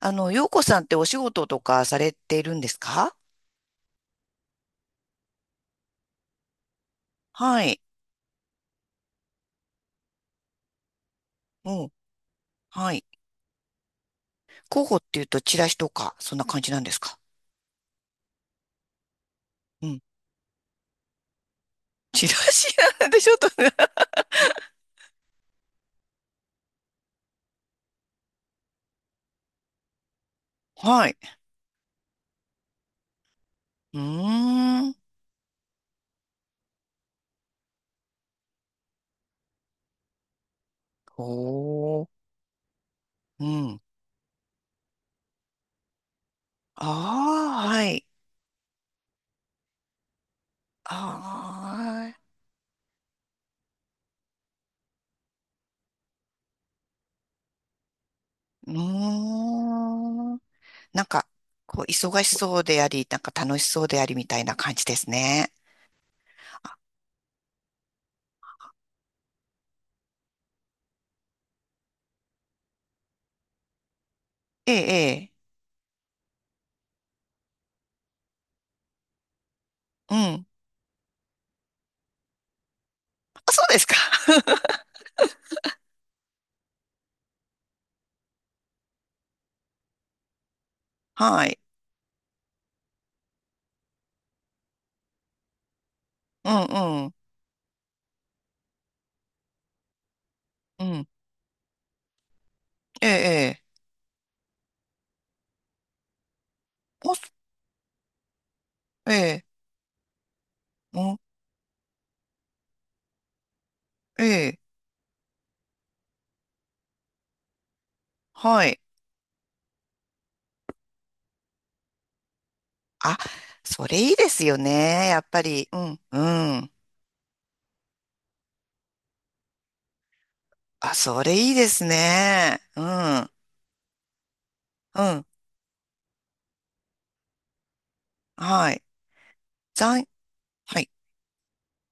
あの、洋子さんってお仕事とかされているんですか？はい。うん。はい。広報っていうと、チラシとか、そんな感じなんですか？うん。チラシなんでちょっとね。はい。うーん。おー。うん。ああ、はい。ああ、うーん。なんか、こう、忙しそうであり、なんか楽しそうでありみたいな感じですね。ええ、ええ。うん。あ、そうですか。はい。うん、うん。うん。ええ、ええ。あ、ええ、お、ええ、はい。あ、それいいですよね。やっぱり。うん、うん。あ、それいいですね。うん、うん、はい。残、はい。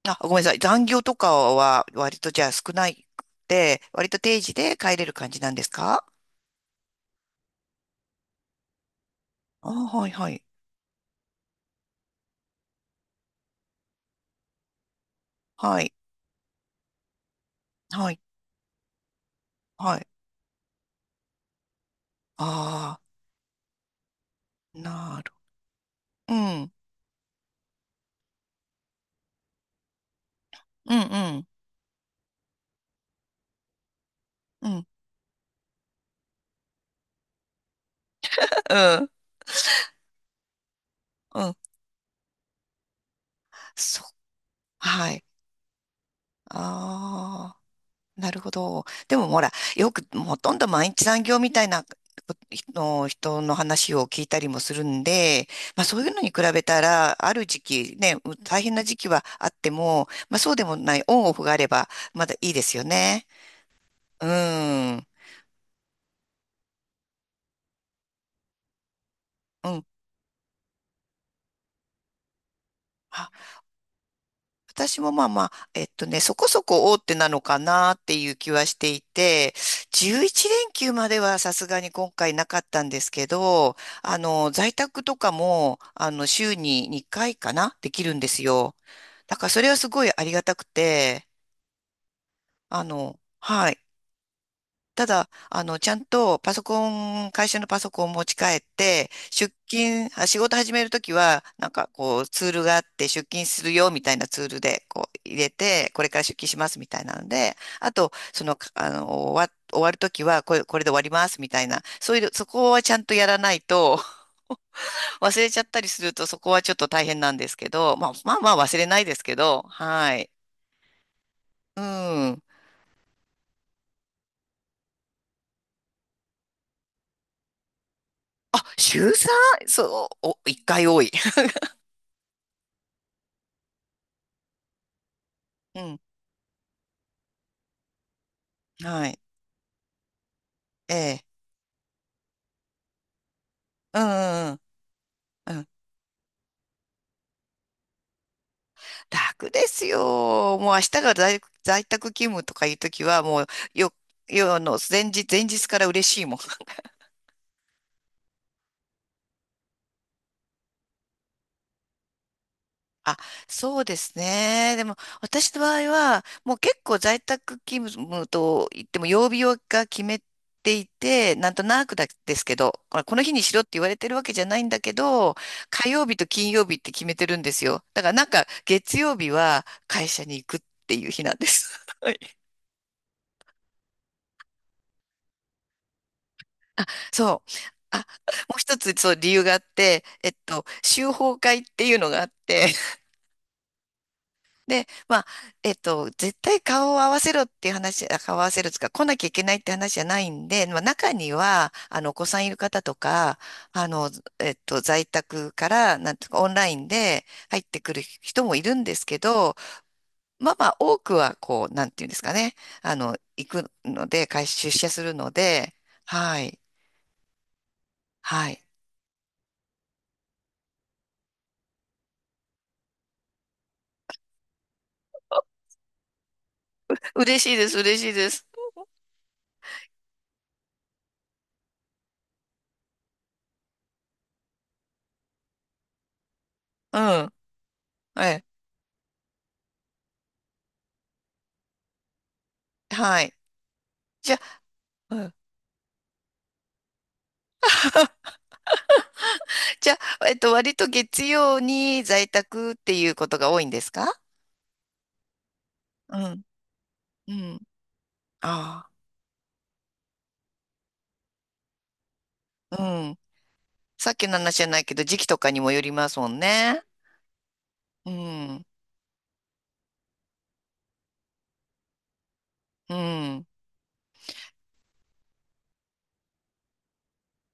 あ、ごめんなさい。残業とかは割とじゃあ少ないくて、割と定時で帰れる感じなんですか？あ、はい、はい。はい、はい、はい。ああ、なる。うん、うん、うん、うん、うん、うん。そう、はい。ああ。なるほど。でもほら、よくほとんど毎日残業みたいなの人の話を聞いたりもするんで、まあそういうのに比べたら、ある時期ね、大変な時期はあっても、まあそうでもない、オンオフがあればまだいいですよね。うん。うん。私もまあまあ、そこそこ大手なのかなっていう気はしていて、11連休まではさすがに今回なかったんですけど、あの、在宅とかも、あの、週に2回かなできるんですよ。だからそれはすごいありがたくて、あの、はい。ただ、あの、ちゃんとパソコン、会社のパソコンを持ち帰って、出勤、あ仕事始めるときは、なんかこう、ツールがあって、出勤するよ、みたいなツールで、こう、入れて、これから出勤します、みたいなので、あと、その、あの、終わるときは、これで終わります、みたいな、そういう、そこはちゃんとやらないと、忘れちゃったりすると、そこはちょっと大変なんですけど、まあ、まあまあ忘れないですけど、はい。うん。あ、週 3？ そう、お、1回多い。うん。はい。ええ。うんうんうん。うん、楽ですよ。もう明日が在宅勤務とかいうときは、もう、よ、あの、前日から嬉しいもん。あ、そうですね。でも、私の場合は、もう結構在宅勤務と言っても、曜日が決めていて、なんとなくだですけど、あこの日にしろって言われてるわけじゃないんだけど、火曜日と金曜日って決めてるんですよ。だからなんか、月曜日は会社に行くっていう日なんです。そう。あ、もう一つ、そう、理由があって、修法会っていうのがあって、で、まあ、絶対顔を合わせろっていう話、あ顔を合わせるつか、来なきゃいけないって話じゃないんで、まあ、中には、あの、お子さんいる方とか、あの、在宅から、なんとか、オンラインで入ってくる人もいるんですけど、まあまあ、多くは、こう、なんていうんですかね、あの、行くので、会出社するので、はい、はい。嬉しいです、嬉しいです。うん。ええ。はい。じゃあ、うん、じゃあ、割と月曜に在宅っていうことが多いんですか？うん。うん。ああ。うん。さっきの話じゃないけど、時期とかにもよりますもんね。うん。うん。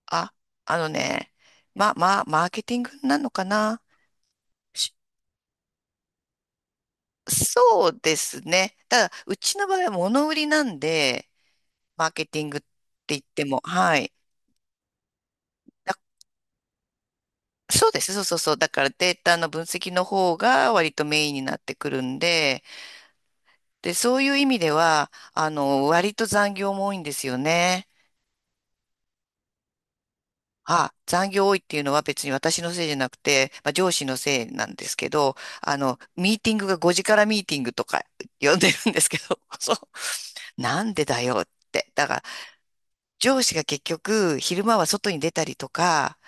あ、あのね、マーケティングなのかな、しそうですね。ただ、うちの場合は物売りなんで、マーケティングって言っても、はい。そうです。そうそうそう。だからデータの分析の方が割とメインになってくるんで、で、そういう意味では、あの、割と残業も多いんですよね。あ、残業多いっていうのは別に私のせいじゃなくて、まあ、上司のせいなんですけど、あの、ミーティングが5時からミーティングとか呼んでるんですけど、そう、なんでだよって。だから、上司が結局、昼間は外に出たりとか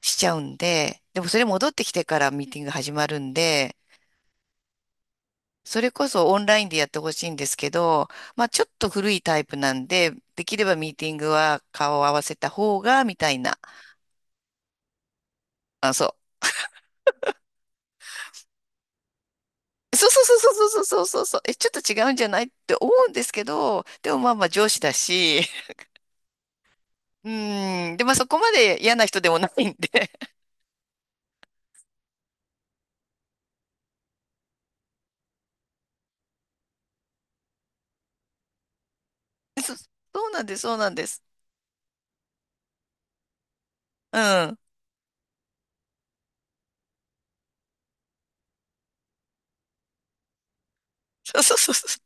しちゃうんで、でもそれ戻ってきてからミーティング始まるんで、それこそオンラインでやってほしいんですけど、まあちょっと古いタイプなんで、できればミーティングは顔を合わせた方が、みたいな。あ、そう。そうそうそうそうそうそうそうそう。え、ちょっと違うんじゃないって思うんですけど、でもまあまあ上司だし、うん。で、まあそこまで嫌な人でもないんで。そう、そうなんです、そうなんです。うん。そうそうそうそ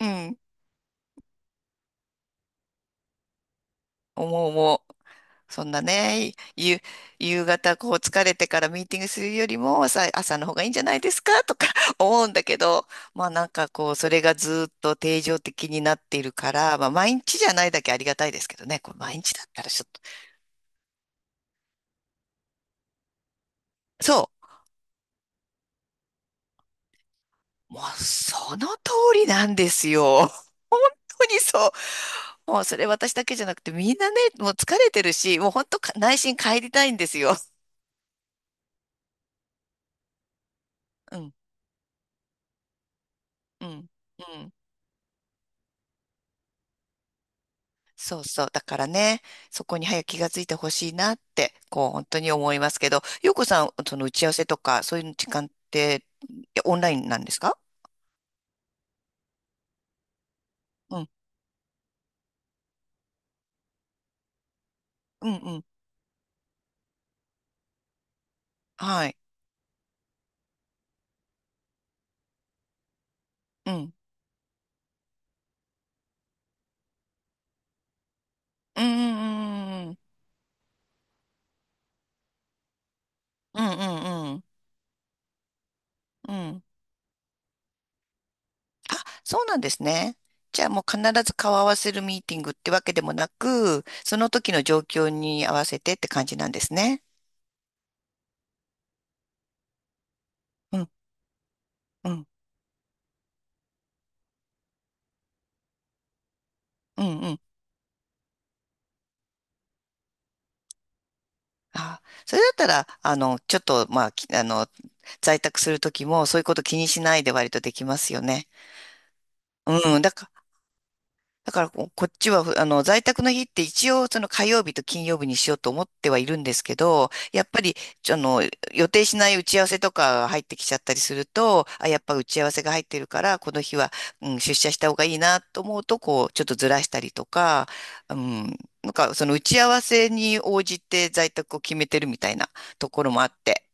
う。うん。思う思う。そんなね、ゆ、夕方こう疲れてからミーティングするよりもさ、朝の方がいいんじゃないですかとか 思うんだけど、まあなんかこう、それがずっと定常的になっているから、まあ毎日じゃないだけありがたいですけどね、これ毎日だったらちょっと。そう、もうその通りなんですよ。本当にそう。もうそれ私だけじゃなくてみんなね、もう疲れてるし、もう本当か内心帰りたいんですよ。うん、うん、うん。そうそう。だからね、そこに早く気がついてほしいなって、こう、本当に思いますけど、よこさん、その打ち合わせとか、そういう時間って、いやオンラインなんですか？うん、うん、うん。はい。うん。うん、うん、うん、うん、うん、うんうん。うん、あ、そうなんですね。じゃあもう必ず顔合わせるミーティングってわけでもなく、その時の状況に合わせてって感じなんですね。うん、うん、うん、うん。あ、それだったら、あの、ちょっと、まあ、きあの、在宅するときも、そういうこと気にしないで割とできますよね。うん、だから、だからここっちは、あの、在宅の日って一応、その火曜日と金曜日にしようと思ってはいるんですけど、やっぱり、ちょあの、予定しない打ち合わせとかが入ってきちゃったりすると、あ、やっぱ打ち合わせが入ってるから、この日は、うん、出社した方がいいなと思うと、こう、ちょっとずらしたりとか、うん、なんか、その打ち合わせに応じて在宅を決めてるみたいなところもあって、